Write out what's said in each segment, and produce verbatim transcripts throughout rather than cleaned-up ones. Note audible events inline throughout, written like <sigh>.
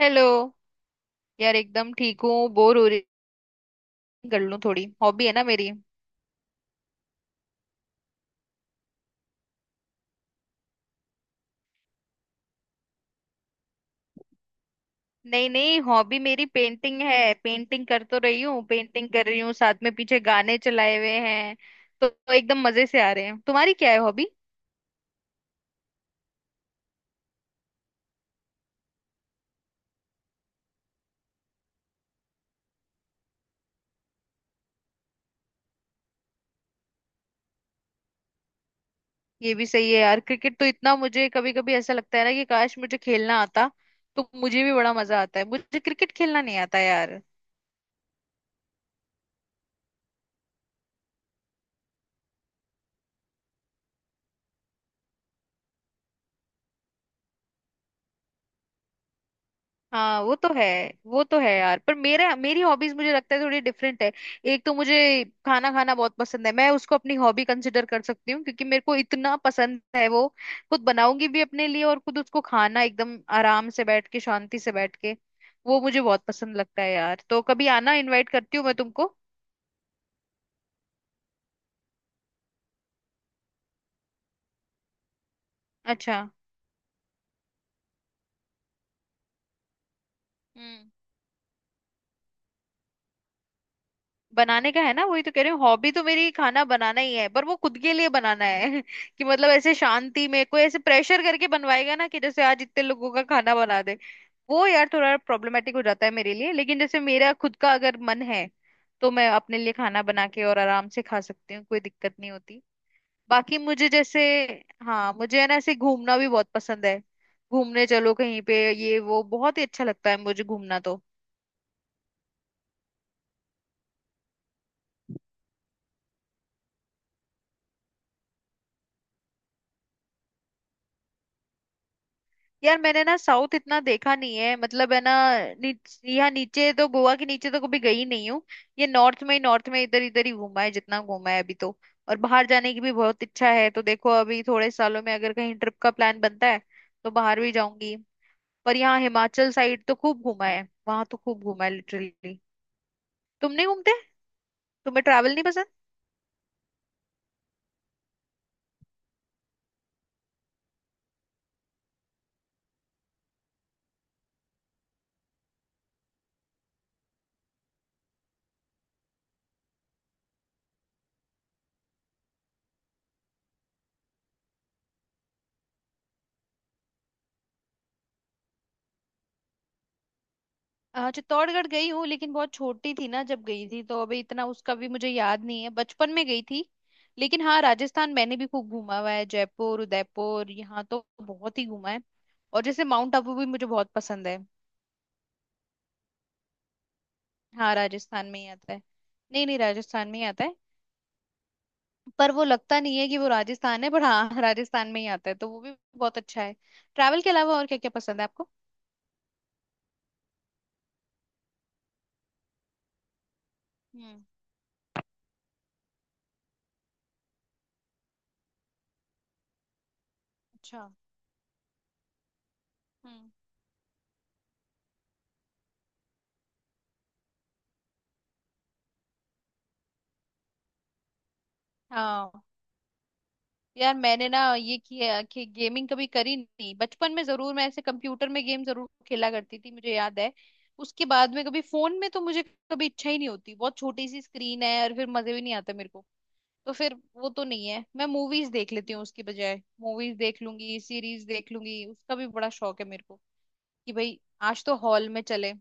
Hello. यार, एकदम ठीक हूँ, बोर हो रही, कर लूँ थोड़ी, हॉबी है ना मेरी। नहीं नहीं, हॉबी मेरी पेंटिंग है, पेंटिंग कर तो रही हूँ, पेंटिंग कर रही हूँ, साथ में पीछे गाने चलाए हुए हैं, तो तो एकदम मजे से आ रहे हैं। तुम्हारी क्या है हॉबी? ये भी सही है यार, क्रिकेट तो इतना मुझे कभी कभी ऐसा लगता है ना कि काश मुझे खेलना आता तो मुझे भी बड़ा मजा आता है। मुझे क्रिकेट खेलना नहीं आता यार। हाँ, वो तो है। वो तो है यार, पर मेरा मेरी हॉबीज मुझे लगता है थोड़ी डिफरेंट है। एक तो मुझे खाना खाना बहुत पसंद है, मैं उसको अपनी हॉबी कंसिडर कर सकती हूँ क्योंकि मेरे को इतना पसंद है वो। खुद बनाऊंगी भी अपने लिए और खुद उसको खाना, एकदम आराम से बैठ के, शांति से बैठ के, वो मुझे बहुत पसंद लगता है यार। तो कभी आना, इनवाइट करती हूँ मैं तुमको। अच्छा। हम्म। बनाने का है ना, वही तो कह रही हूँ, हॉबी तो मेरी खाना बनाना ही है, पर वो खुद के लिए बनाना है <laughs> कि मतलब ऐसे शांति में, कोई ऐसे प्रेशर करके बनवाएगा ना कि जैसे आज इतने लोगों का खाना बना दे, वो यार थोड़ा प्रॉब्लमेटिक हो जाता है मेरे लिए। लेकिन जैसे मेरा खुद का अगर मन है तो मैं अपने लिए खाना बना के और आराम से खा सकती हूँ, कोई दिक्कत नहीं होती। बाकी मुझे जैसे, हाँ, मुझे है ना ऐसे घूमना भी बहुत पसंद है, घूमने चलो कहीं पे, ये वो बहुत ही अच्छा लगता है मुझे घूमना तो। यार मैंने ना साउथ इतना देखा नहीं है, मतलब है ना, नीच, यहाँ नीचे तो, गोवा के नीचे तो कभी गई नहीं हूँ। ये नॉर्थ में ही नॉर्थ में इधर इधर ही घूमा है जितना घूमा है अभी तो। और बाहर जाने की भी बहुत इच्छा है, तो देखो अभी थोड़े सालों में अगर कहीं ट्रिप का प्लान बनता है तो बाहर भी जाऊंगी। पर यहाँ हिमाचल साइड तो खूब घूमा है, वहां तो खूब घूमा है लिटरली। तुम नहीं घूमते? तुम्हें ट्रैवल नहीं पसंद? अ, चित्तौड़गढ़ गई हूँ लेकिन बहुत छोटी थी ना जब गई थी, तो अभी इतना उसका भी मुझे याद नहीं है, बचपन में गई थी। लेकिन हाँ, राजस्थान मैंने भी खूब घूमा हुआ है, जयपुर, उदयपुर, यहाँ तो बहुत ही घूमा है। और जैसे माउंट आबू भी मुझे बहुत पसंद है। हाँ, राजस्थान में ही आता है। नहीं नहीं, राजस्थान में ही आता है। पर वो लगता नहीं है कि वो राजस्थान है, पर हाँ <laughs> राजस्थान में ही आता है, तो वो भी बहुत अच्छा है। ट्रैवल के अलावा और क्या क्या पसंद है आपको? हम्म। अच्छा। हम्म। हाँ। यार मैंने ना ये किया कि गेमिंग कभी करी नहीं, बचपन में जरूर मैं ऐसे कंप्यूटर में गेम जरूर खेला करती थी, मुझे याद है। उसके बाद में कभी फोन में तो मुझे कभी इच्छा ही नहीं होती, बहुत छोटी सी स्क्रीन है और फिर मजे भी नहीं आते मेरे को। तो फिर वो तो नहीं है, मैं मूवीज देख लेती हूँ उसकी बजाय। मूवीज देख लूंगी, सीरीज देख लूंगी, उसका भी बड़ा शौक है मेरे को कि भाई आज तो हॉल में चले।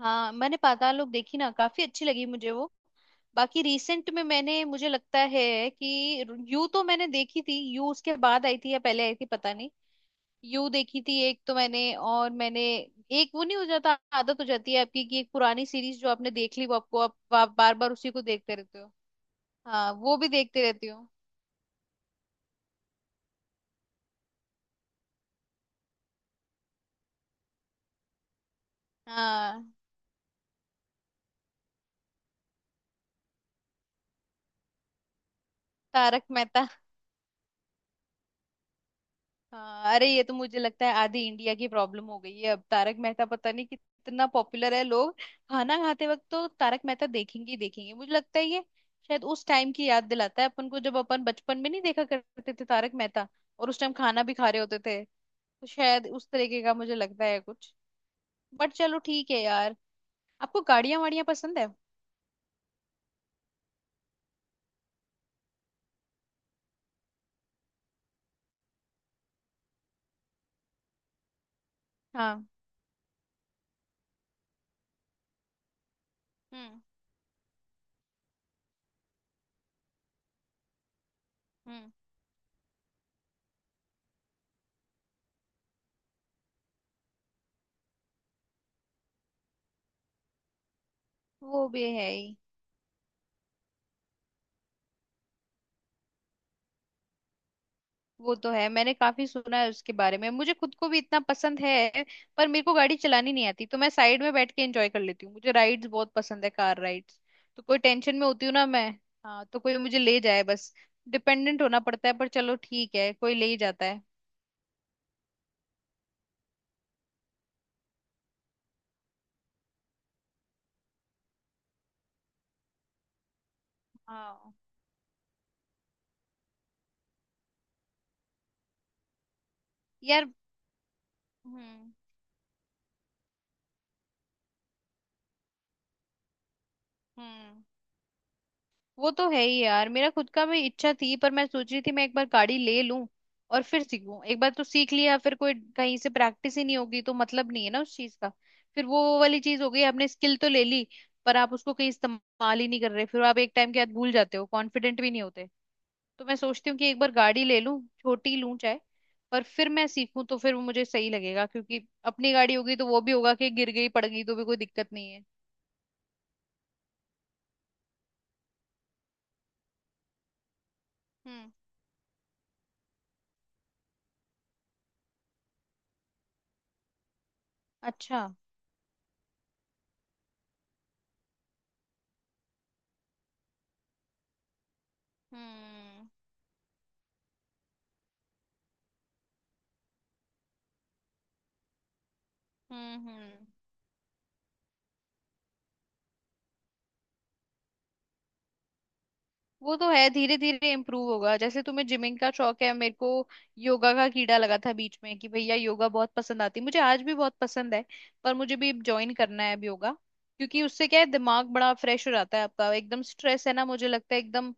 हाँ, मैंने पाताल लोक देखी ना, काफी अच्छी लगी मुझे वो। बाकी रिसेंट में मैंने, मुझे लगता है कि, यू तो मैंने देखी थी, यू उसके बाद आई थी या पहले आई थी पता नहीं। यू देखी थी एक तो मैंने, और मैंने, एक वो नहीं हो जाता आदत हो जाती है आपकी कि एक पुरानी सीरीज जो आपने देख ली वो आपको, आप, आप बार बार उसी को देखते रहते हो। हाँ, वो भी देखते रहती हूँ। हाँ, तारक मेहता। हाँ अरे ये तो मुझे लगता है आधी इंडिया की प्रॉब्लम हो गई है अब, तारक मेहता पता नहीं कितना पॉपुलर है लोग खाना खाते वक्त तो तारक मेहता देखेंगे ही देखेंगे, मुझे लगता है ये शायद उस टाइम की याद दिलाता है अपन को, जब अपन बचपन में नहीं देखा करते थे तारक मेहता और उस टाइम खाना भी खा रहे होते थे। तो शायद उस तरीके का मुझे लगता है कुछ, बट चलो ठीक है यार। आपको गाड़ियां वाड़ियां पसंद है? हाँ। हम्म। हम्म। वो भी है ही। वो तो है, मैंने काफी सुना है उसके बारे में, मुझे खुद को भी इतना पसंद है पर मेरे को गाड़ी चलानी नहीं आती, तो मैं साइड में बैठ के एंजॉय कर लेती हूँ, मुझे राइड्स बहुत पसंद है, कार राइड्स। तो कोई टेंशन में होती हूँ ना मैं, हाँ तो कोई मुझे ले जाए बस। डिपेंडेंट होना पड़ता है, पर चलो ठीक है, कोई ले ही जाता है। हाँ यार। हम्म। हम्म। वो तो है ही यार, मेरा खुद का भी इच्छा थी, पर मैं सोच रही थी मैं एक बार गाड़ी ले लूं और फिर सीखूं, एक बार तो सीख लिया फिर कोई कहीं से प्रैक्टिस ही नहीं होगी तो मतलब नहीं है ना उस चीज का। फिर वो वो वाली चीज हो गई, आपने स्किल तो ले ली पर आप उसको कहीं इस्तेमाल ही नहीं कर रहे, फिर आप एक टाइम के बाद भूल जाते हो, कॉन्फिडेंट भी नहीं होते। तो मैं सोचती हूँ कि एक बार गाड़ी ले लूं, छोटी लूं चाहे, पर फिर मैं सीखूं तो फिर वो मुझे सही लगेगा, क्योंकि अपनी गाड़ी होगी तो वो भी होगा कि गिर गई पड़ गई तो भी कोई दिक्कत नहीं है। हम्म। अच्छा। हम्म। हम्म। हम्म। वो तो है, धीरे धीरे इम्प्रूव होगा। जैसे तुम्हें जिमिंग का शौक है, मेरे को योगा का कीड़ा लगा था बीच में, कि भैया योगा बहुत पसंद आती मुझे, आज भी बहुत पसंद है। पर मुझे भी ज्वाइन करना है अब योगा, क्योंकि उससे क्या है दिमाग बड़ा फ्रेश हो जाता है आपका, एकदम स्ट्रेस है ना मुझे लगता है एकदम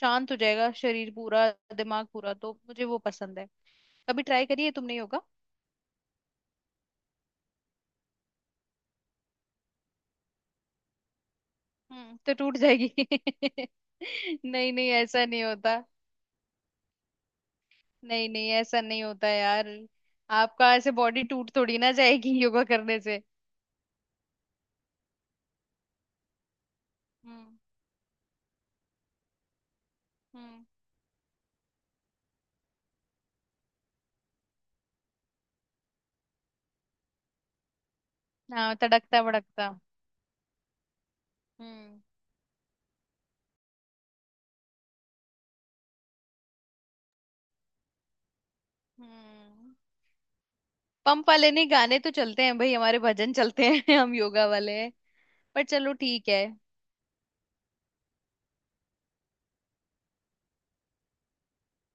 शांत हो जाएगा, शरीर पूरा, दिमाग पूरा, तो मुझे वो पसंद है। कभी ट्राई करिए तुमने योगा। हम्म, तो टूट जाएगी <laughs> नहीं नहीं, ऐसा नहीं होता। नहीं नहीं, ऐसा नहीं होता यार, आपका ऐसे बॉडी टूट थोड़ी ना जाएगी योगा करने से। हम्म। हम्म। हाँ, तड़कता भड़कता। हम्म। हम्म। पंप वाले नहीं, गाने तो चलते हैं भाई हमारे, भजन चलते हैं <laughs> हम योगा वाले हैं। पर चलो ठीक है।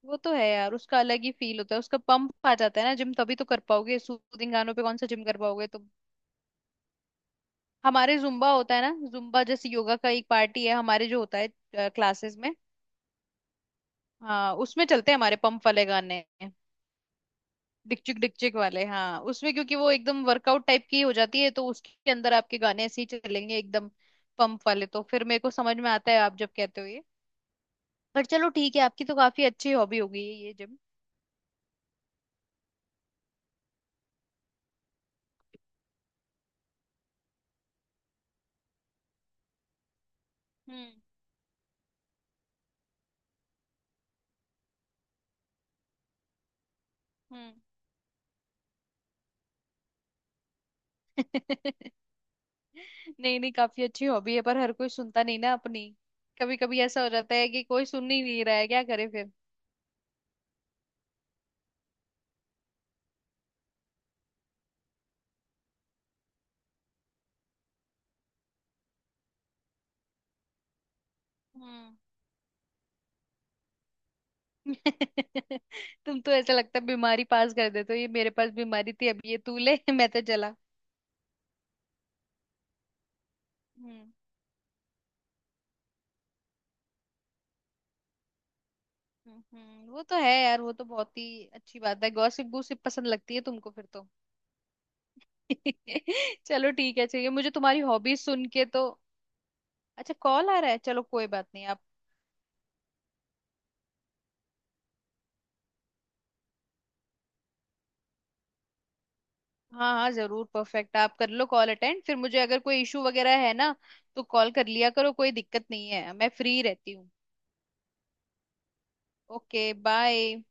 वो तो है यार, उसका अलग ही फील होता है, उसका पंप आ जाता है ना, जिम तभी तो कर पाओगे, सूदिंग गानों पे कौन सा जिम कर पाओगे तुम। हमारे जुम्बा होता है ना, जुम्बा जैसे योगा का एक पार्टी है हमारे जो होता है क्लासेस में। हाँ, उसमें चलते हैं हमारे पंप वाले गाने, डिकचिक डिकचिक वाले। हाँ उसमें क्योंकि वो एकदम वर्कआउट टाइप की हो जाती है, तो उसके अंदर आपके गाने ऐसे ही चलेंगे एकदम पंप वाले, तो फिर मेरे को समझ में आता है आप जब कहते हो ये। पर चलो ठीक है, आपकी तो काफी अच्छी हॉबी हो गई है ये जिम। हम्म। हम्म। <laughs> नहीं नहीं, काफी अच्छी हॉबी है, पर हर कोई सुनता नहीं ना अपनी, कभी कभी ऐसा हो जाता है कि कोई सुन ही नहीं रहा है, क्या करे फिर। हम्म। <laughs> तुम तो ऐसा लगता है बीमारी पास कर देते हो, ये मेरे पास बीमारी थी अब ये तू ले <laughs> मैं तो चला। हम्म। हम्म। वो तो है यार, वो तो बहुत ही अच्छी बात है, गॉसिप गॉसिप पसंद लगती है तुमको फिर तो <laughs> चलो ठीक है, चाहिए मुझे तुम्हारी हॉबी सुन के तो। अच्छा, कॉल आ रहा है, चलो कोई बात नहीं आप। हाँ हाँ जरूर, परफेक्ट, आप कर लो कॉल अटेंड, फिर मुझे अगर कोई इशू वगैरह है ना तो कॉल कर लिया करो, कोई दिक्कत नहीं है, मैं फ्री रहती हूँ। Okay bye.